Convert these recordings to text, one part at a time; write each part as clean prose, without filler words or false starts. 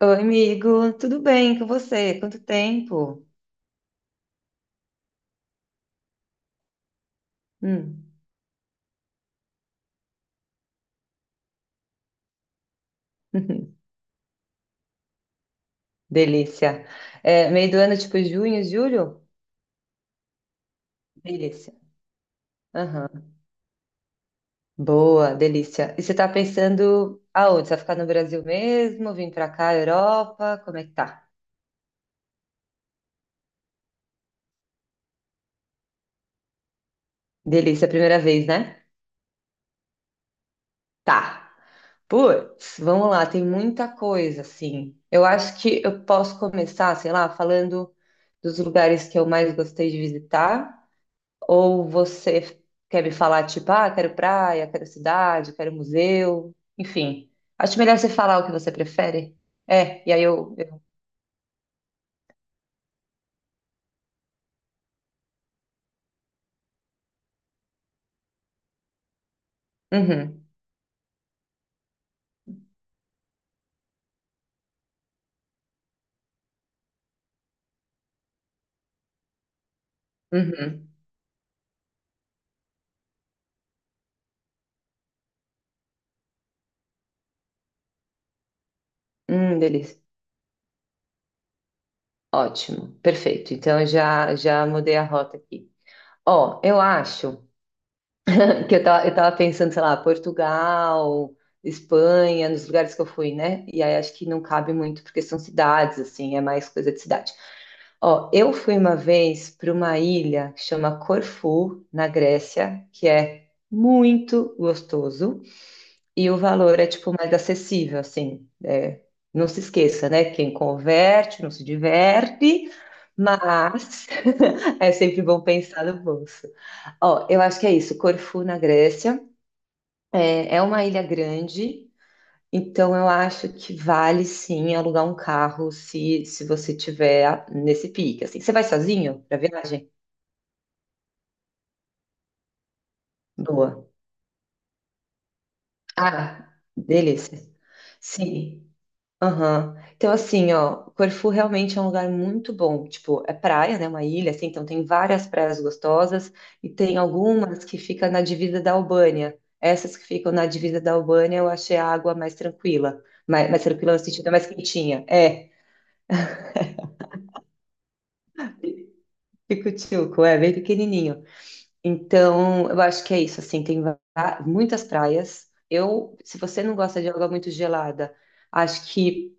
Oi, amigo, tudo bem com você? Quanto tempo? Hum. Delícia. É, meio do ano, tipo junho, julho? Delícia. Aham. Boa, delícia. E você tá pensando aonde? Você vai ficar no Brasil mesmo? Vim pra cá, Europa? Como é que tá? Delícia, primeira vez, né? Tá. Putz, vamos lá, tem muita coisa, assim. Eu acho que eu posso começar, sei lá, falando dos lugares que eu mais gostei de visitar. Ou você quer me falar, tipo, ah, quero praia, quero cidade, quero museu, enfim. Acho melhor você falar o que você prefere. É, e aí. Uhum, uhum. Delícia. Ótimo, perfeito. Então eu já mudei a rota aqui. Ó, eu acho, que eu tava pensando, sei lá, Portugal, Espanha, nos lugares que eu fui, né? E aí acho que não cabe muito, porque são cidades, assim, é mais coisa de cidade. Ó, eu fui uma vez para uma ilha que chama Corfu, na Grécia, que é muito gostoso. E o valor é tipo mais acessível, assim. É, não se esqueça, né? Quem converte não se diverte, mas é sempre bom pensar no bolso. Ó, eu acho que é isso. Corfu, na Grécia, é uma ilha grande, então eu acho que vale sim alugar um carro se você tiver nesse pique, assim. Você vai sozinho para viagem? Boa. Ah, delícia. Sim. Aham. Então, assim, ó, Corfu realmente é um lugar muito bom. Tipo, é praia, né? Uma ilha, assim, então tem várias praias gostosas e tem algumas que ficam na divisa da Albânia. Essas que ficam na divisa da Albânia, eu achei a água mais tranquila. Mais tranquila no sentido, é mais quentinha. É, Pico-Tchuco, é bem pequenininho. Então, eu acho que é isso, assim, tem muitas praias. Eu, se você não gosta de água muito gelada, acho que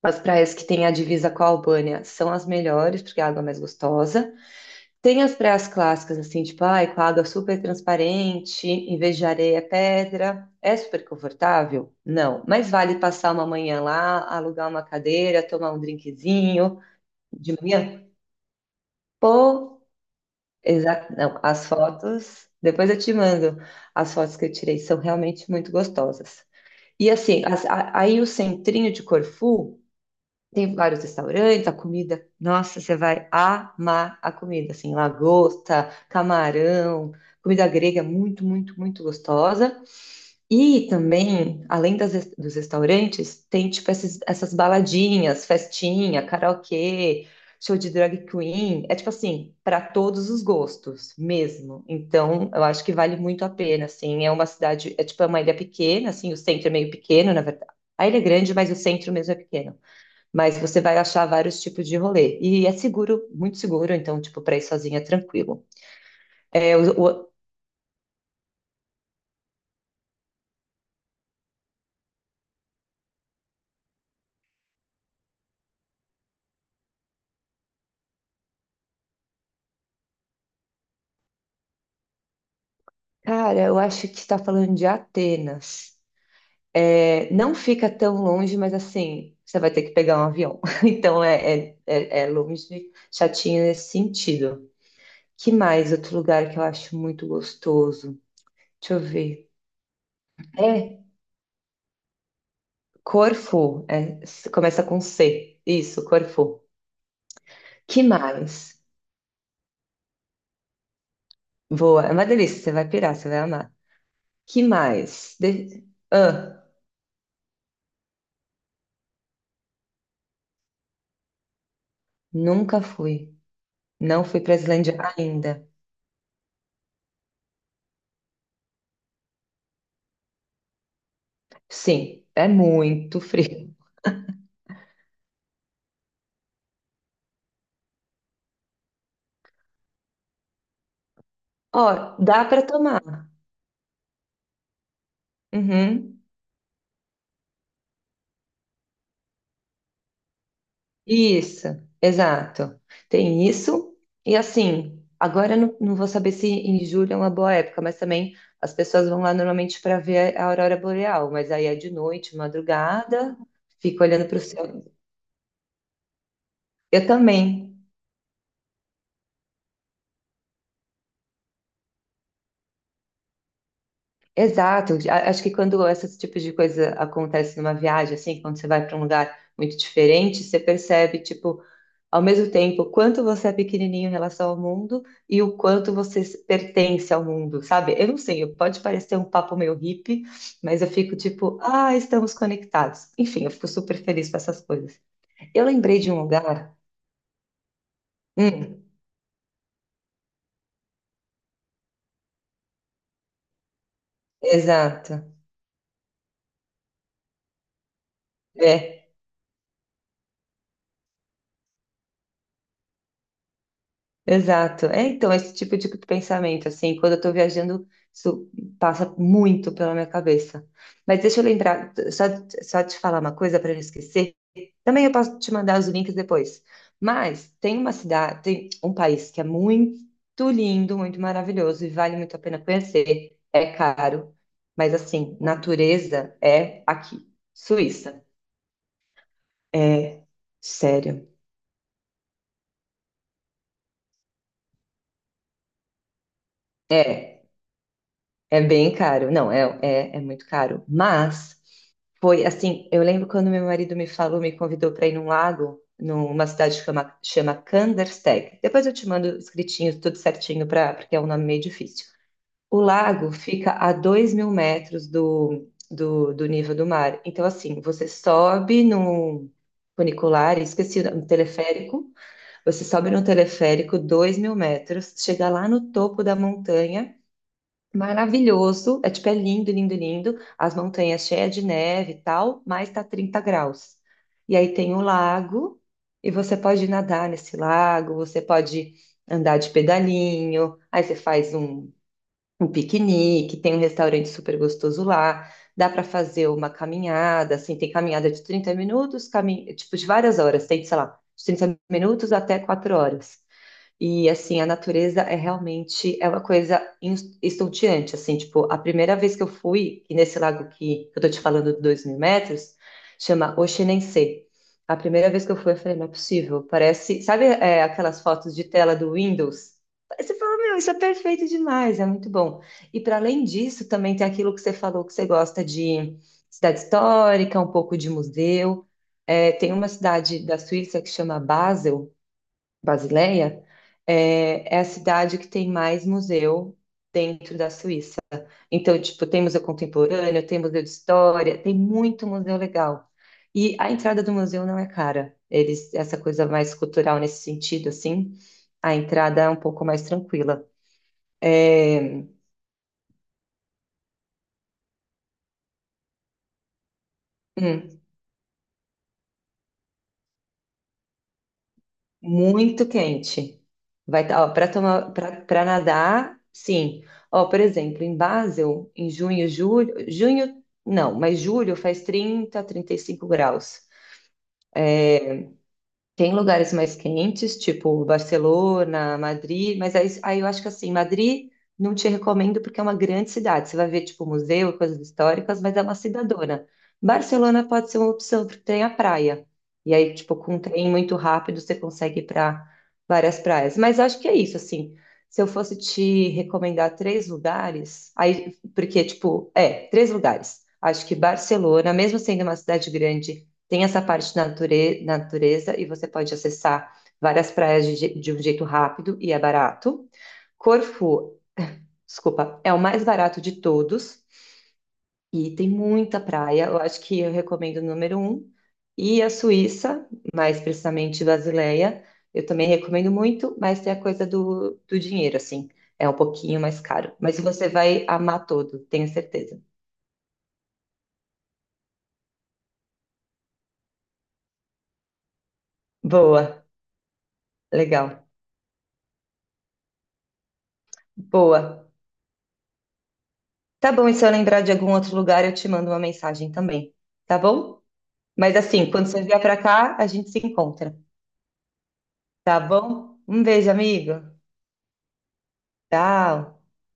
as praias que têm a divisa com a Albânia são as melhores, porque a água é mais gostosa. Tem as praias clássicas, assim, tipo, ai, com a água super transparente, em vez de areia, é pedra. É super confortável? Não. Mas vale passar uma manhã lá, alugar uma cadeira, tomar um drinkzinho de manhã? Pô, exato. Não, as fotos, depois eu te mando. As fotos que eu tirei são realmente muito gostosas. E assim, aí o centrinho de Corfu. Tem vários restaurantes, a comida. Nossa, você vai amar a comida, assim, lagosta, camarão, comida grega muito, muito, muito gostosa. E também, além dos restaurantes, tem tipo esses essas baladinhas, festinha, karaokê, show de drag queen. É tipo assim, para todos os gostos mesmo. Então, eu acho que vale muito a pena, assim. É uma cidade, é tipo é uma ilha pequena, assim, o centro é meio pequeno, na verdade. A ilha é grande, mas o centro mesmo é pequeno, mas você vai achar vários tipos de rolê. E é seguro, muito seguro, então, tipo, para ir sozinha é tranquilo. É, o- cara, eu acho que está falando de Atenas. É, não fica tão longe, mas assim, você vai ter que pegar um avião. Então é longe, chatinho nesse sentido. Que mais outro lugar que eu acho muito gostoso? Deixa eu ver. É, Corfu, é, começa com C. Isso, Corfu. Que mais? Boa, é uma delícia, você vai pirar, você vai amar. Que mais? Ah, nunca fui. Não fui para Islândia ainda. Sim, é muito frio. Ó, dá para tomar. Uhum. Isso, exato. Tem isso. E assim, agora eu não vou saber se em julho é uma boa época, mas também as pessoas vão lá normalmente para ver a aurora boreal, mas aí é de noite, madrugada, fica olhando para o céu. Eu também. Exato. Acho que quando esses tipos de coisa acontece numa viagem, assim, quando você vai para um lugar muito diferente, você percebe, tipo, ao mesmo tempo, o quanto você é pequenininho em relação ao mundo e o quanto você pertence ao mundo, sabe? Eu não sei, pode parecer um papo meio hippie, mas eu fico tipo, ah, estamos conectados. Enfim, eu fico super feliz com essas coisas. Eu lembrei de um lugar. Hum, exato. É. Exato. É, então, esse tipo de pensamento, assim, quando eu estou viajando, isso passa muito pela minha cabeça. Mas deixa eu lembrar, só te falar uma coisa para não esquecer. Também eu posso te mandar os links depois. Mas tem uma cidade, tem um país que é muito lindo, muito maravilhoso e vale muito a pena conhecer. É caro, mas assim, natureza é aqui, Suíça. É, sério. É, é bem caro. Não, é muito caro. Mas foi assim, eu lembro quando meu marido me falou, me convidou para ir num lago, numa cidade que chama Kandersteg. Depois eu te mando escritinho, tudo certinho, porque é um nome meio difícil. O lago fica a 2 mil metros do nível do mar. Então, assim, você sobe num funicular, esqueci, um teleférico, você sobe num teleférico 2 mil metros, chega lá no topo da montanha. Maravilhoso, é tipo, é lindo, lindo, lindo, as montanhas cheias de neve e tal, mas tá 30 graus. E aí tem o lago, e você pode nadar nesse lago, você pode andar de pedalinho, aí você faz um piquenique, tem um restaurante super gostoso lá, dá para fazer uma caminhada, assim, tem caminhada de 30 minutos, tipo, de várias horas, tem, sei lá, de 30 minutos até 4 horas. E assim, a natureza é realmente uma coisa estonteante, assim, tipo, a primeira vez que eu fui, e nesse lago que eu tô te falando de 2.000 metros, chama Oxenense. A primeira vez que eu fui, eu falei, não é possível, parece, sabe, é, aquelas fotos de tela do Windows? Aí você fala, meu, isso é perfeito demais, é muito bom. E para além disso, também tem aquilo que você falou que você gosta de cidade histórica, um pouco de museu. É, tem uma cidade da Suíça que chama Basel, Basileia, é a cidade que tem mais museu dentro da Suíça. Então, tipo, tem museu contemporâneo, tem museu de história, tem muito museu legal. E a entrada do museu não é cara. Eles, essa coisa mais cultural nesse sentido, assim, a entrada é um pouco mais tranquila. É, hum, muito quente. Vai estar, para tomar, para nadar, sim. Ó, por exemplo, em Basel, em junho, julho, junho, não, mas julho faz 30, 35 graus. Tem lugares mais quentes, tipo Barcelona, Madrid, mas aí eu acho que assim, Madrid não te recomendo porque é uma grande cidade. Você vai ver, tipo, museu, coisas históricas, mas é uma cidadona. Barcelona pode ser uma opção, porque tem a praia. E aí, tipo, com um trem muito rápido, você consegue ir para várias praias. Mas acho que é isso, assim. Se eu fosse te recomendar três lugares, aí, porque, tipo, é, três lugares. Acho que Barcelona, mesmo sendo uma cidade grande, tem essa parte da natureza e você pode acessar várias praias de um jeito rápido e é barato. Corfu, desculpa, é o mais barato de todos e tem muita praia. Eu acho que eu recomendo o número um. E a Suíça, mais precisamente Basileia, eu também recomendo muito, mas tem a coisa do dinheiro, assim. É um pouquinho mais caro. Mas você vai amar todo, tenho certeza. Boa, legal. Boa. Tá bom, e se eu lembrar de algum outro lugar, eu te mando uma mensagem também, tá bom? Mas assim, quando você vier pra cá, a gente se encontra, tá bom? Um beijo, amigo. Tchau.